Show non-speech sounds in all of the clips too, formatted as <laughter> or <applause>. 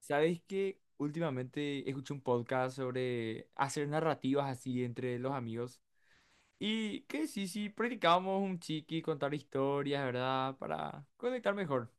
¿Sabes que Últimamente escuché un podcast sobre hacer narrativas así entre los amigos. Y que sí, sí, practicábamos un chiqui, contar historias, ¿verdad? Para conectar mejor.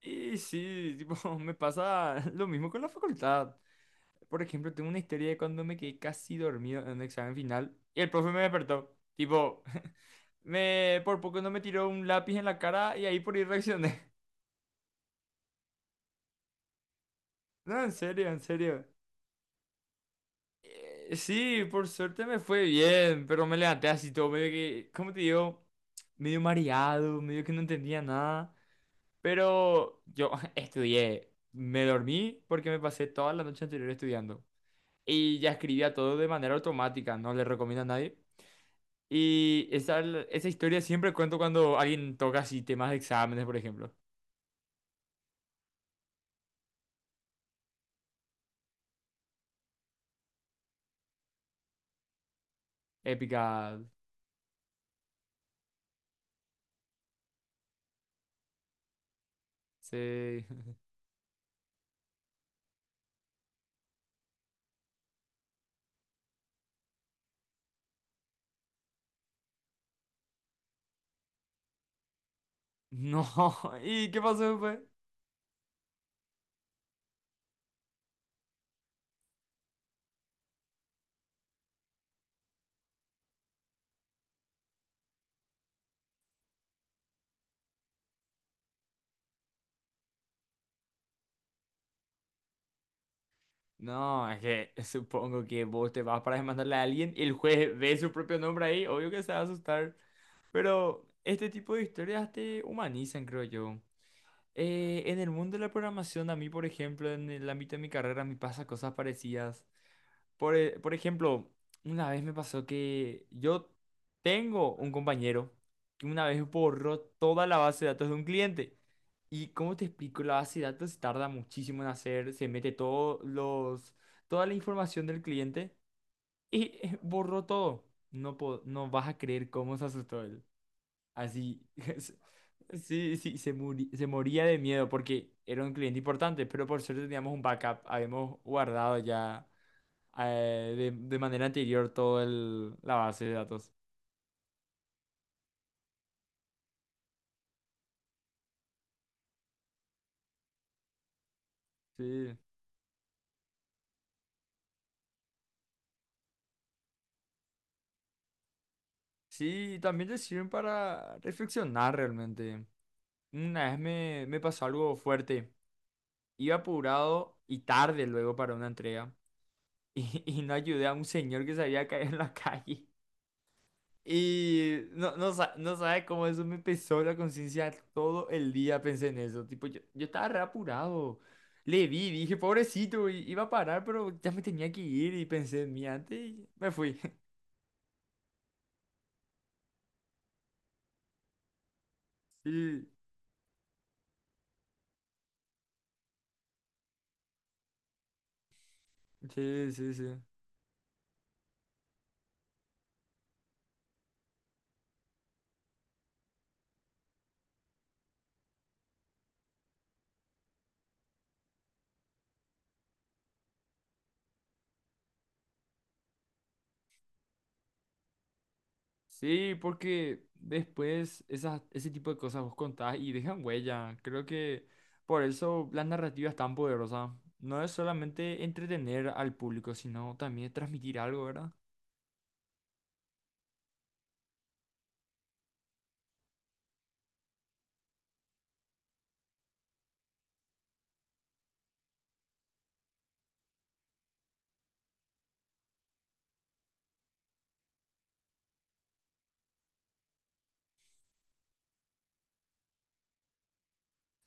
Y sí, tipo, <laughs> me pasa lo mismo con la facultad. Por ejemplo, tengo una historia de cuando me quedé casi dormido en un examen final y el profe me despertó. Tipo, <laughs> me por poco no me tiró un lápiz en la cara y ahí por ahí reaccioné. <laughs> No, en serio, en serio. Sí, por suerte me fue bien, pero me levanté así todo, medio que, ¿cómo te digo? Medio mareado, medio que no entendía nada. Pero yo <laughs> estudié, me dormí porque me pasé toda la noche anterior estudiando. Y ya escribía todo de manera automática, no le recomiendo a nadie. Y esa historia siempre cuento cuando alguien toca así temas de exámenes, por ejemplo. Épica. Sí. <laughs> No, <laughs> ¿y qué pasó después? No, es que <laughs> supongo que vos te vas para demandarle a alguien y el juez ve su propio nombre ahí, obvio que se va a asustar, pero este tipo de historias te humanizan, creo yo. En el mundo de la programación, a mí, por ejemplo, en el ámbito de mi carrera, me pasa cosas parecidas. Por ejemplo, una vez me pasó que yo tengo un compañero que una vez borró toda la base de datos de un cliente. Y cómo te explico, la base de datos si tarda muchísimo en hacer, se mete todos los, toda la información del cliente y <laughs> borró todo. No, no vas a creer cómo se asustó él. Así, <laughs> es- sí, sí, se moría de miedo porque era un cliente importante, pero por suerte teníamos un backup, habíamos guardado ya de manera anterior todo el, la base de datos. Sí, sí, y también te sirven para reflexionar realmente. Una vez me, me pasó algo fuerte. Iba apurado y tarde luego para una entrega <laughs> y no ayudé a un señor que se había caído en la calle. Y no, no, no sabe cómo eso me pesó la conciencia todo el día, pensé en eso. Tipo, yo estaba re apurado. Le vi, dije, pobrecito, iba a parar, pero ya me tenía que ir y pensé en mí antes y me fui. <laughs> Sí, sí, sí, sí. Sí, porque después esas, ese tipo de cosas vos contás y dejan huella. Creo que por eso las narrativas tan poderosas. No es solamente entretener al público, sino también transmitir algo, ¿verdad?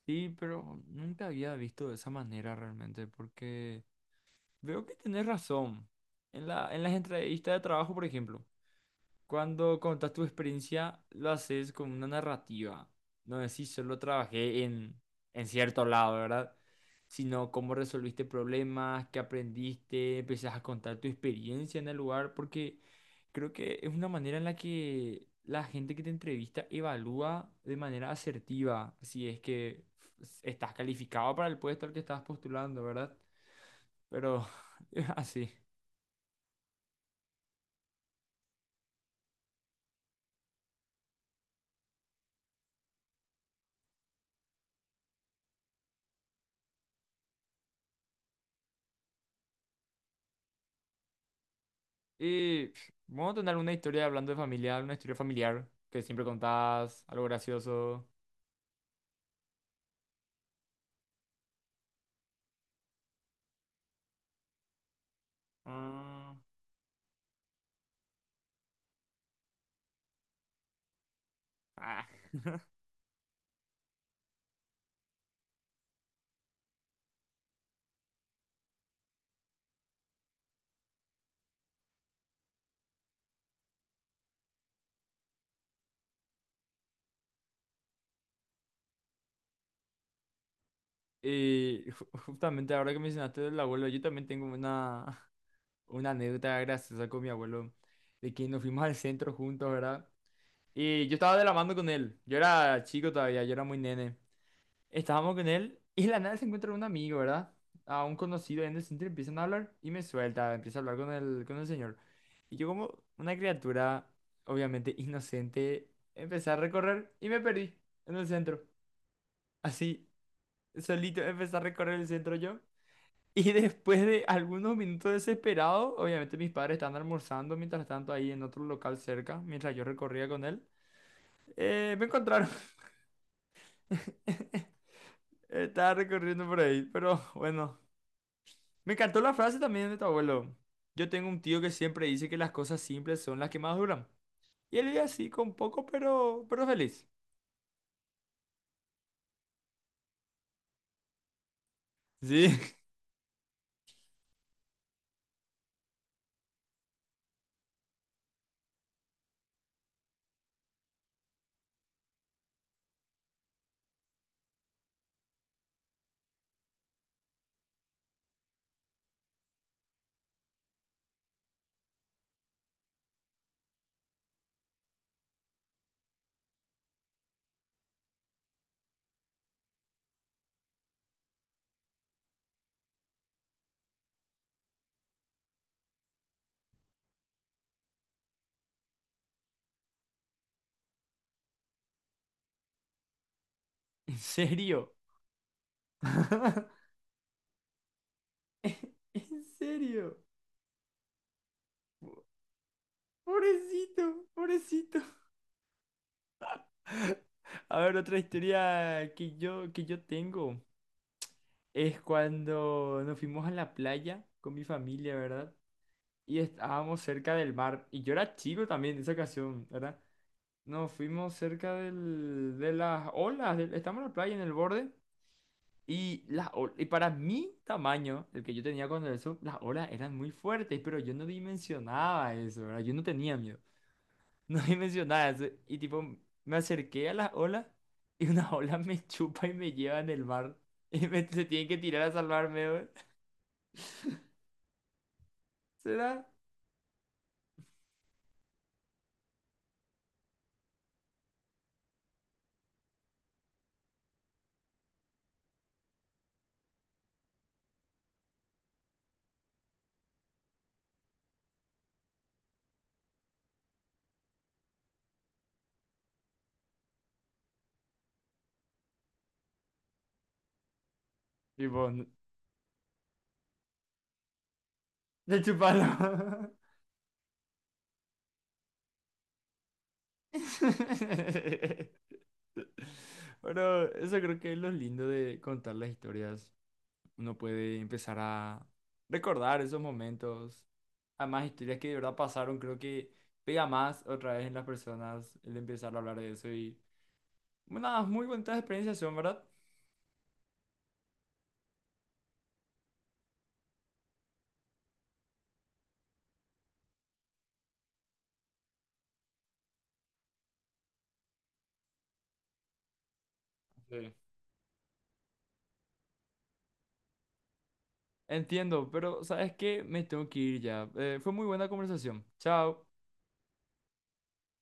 Sí, pero nunca había visto de esa manera realmente, porque veo que tenés razón. En la, en las entrevistas de trabajo, por ejemplo. Cuando contas tu experiencia, lo haces con una narrativa. No decís solo trabajé en cierto lado, ¿verdad? Sino cómo resolviste problemas, qué aprendiste, empezás a contar tu experiencia en el lugar, porque creo que es una manera en la que la gente que te entrevista evalúa de manera asertiva si es que estás calificado para el puesto al que estás postulando, ¿verdad? Pero <laughs> es así. Y pf, vamos a tener una historia hablando de familia, una historia familiar que siempre contás, algo gracioso. Mm, ah. Y justamente ahora que mencionaste del abuelo, yo también tengo una, <laughs> una anécdota graciosa con mi abuelo, de que nos fuimos al centro juntos, ¿verdad? Y yo estaba de la mano con él, yo era chico todavía, yo era muy nene. Estábamos con él y de la nada se encuentra un amigo, ¿verdad? A un conocido en el centro empiezan a hablar y me suelta, empieza a hablar con el señor. Y yo como una criatura, obviamente inocente, empecé a recorrer y me perdí en el centro. Así, solito empecé a recorrer el centro yo. Y <laughs> después de algunos minutos desesperados, obviamente mis padres estaban almorzando mientras tanto ahí en otro local cerca, mientras yo recorría con él, me encontraron. <laughs> Estaba recorriendo por ahí, pero bueno. Me encantó la frase también de tu abuelo. Yo tengo un tío que siempre dice que las cosas simples son las que más duran. Y él vive así, con poco, pero feliz. Sí. <laughs> ¿En serio? <laughs> ¿En serio? Pobrecito, pobrecito. A ver, otra historia que yo tengo es cuando nos fuimos a la playa con mi familia, ¿verdad? Y estábamos cerca del mar. Y yo era chico también en esa ocasión, ¿verdad? Nos fuimos cerca del, de las olas, estamos en la playa en el borde y, las, y para mi tamaño, el que yo tenía cuando eso, las olas eran muy fuertes, pero yo no dimensionaba eso, ¿verdad? Yo no tenía miedo, <laughs> no dimensionaba eso y tipo me acerqué a las olas y una <laughs> ola me chupa y me lleva en el mar y me, se tienen que tirar a salvarme, güey. ¿Será? Tipo, me chuparon. <laughs> Pero eso creo que es lo lindo de contar las historias. Uno puede empezar a recordar esos momentos. Además, historias que de verdad pasaron, creo que pega más otra vez en las personas el empezar a hablar de eso. Y bueno, nada, muy bonitas experiencias son, ¿verdad? Sí. Entiendo, pero ¿sabes qué? Me tengo que ir ya. Fue muy buena conversación. Chao.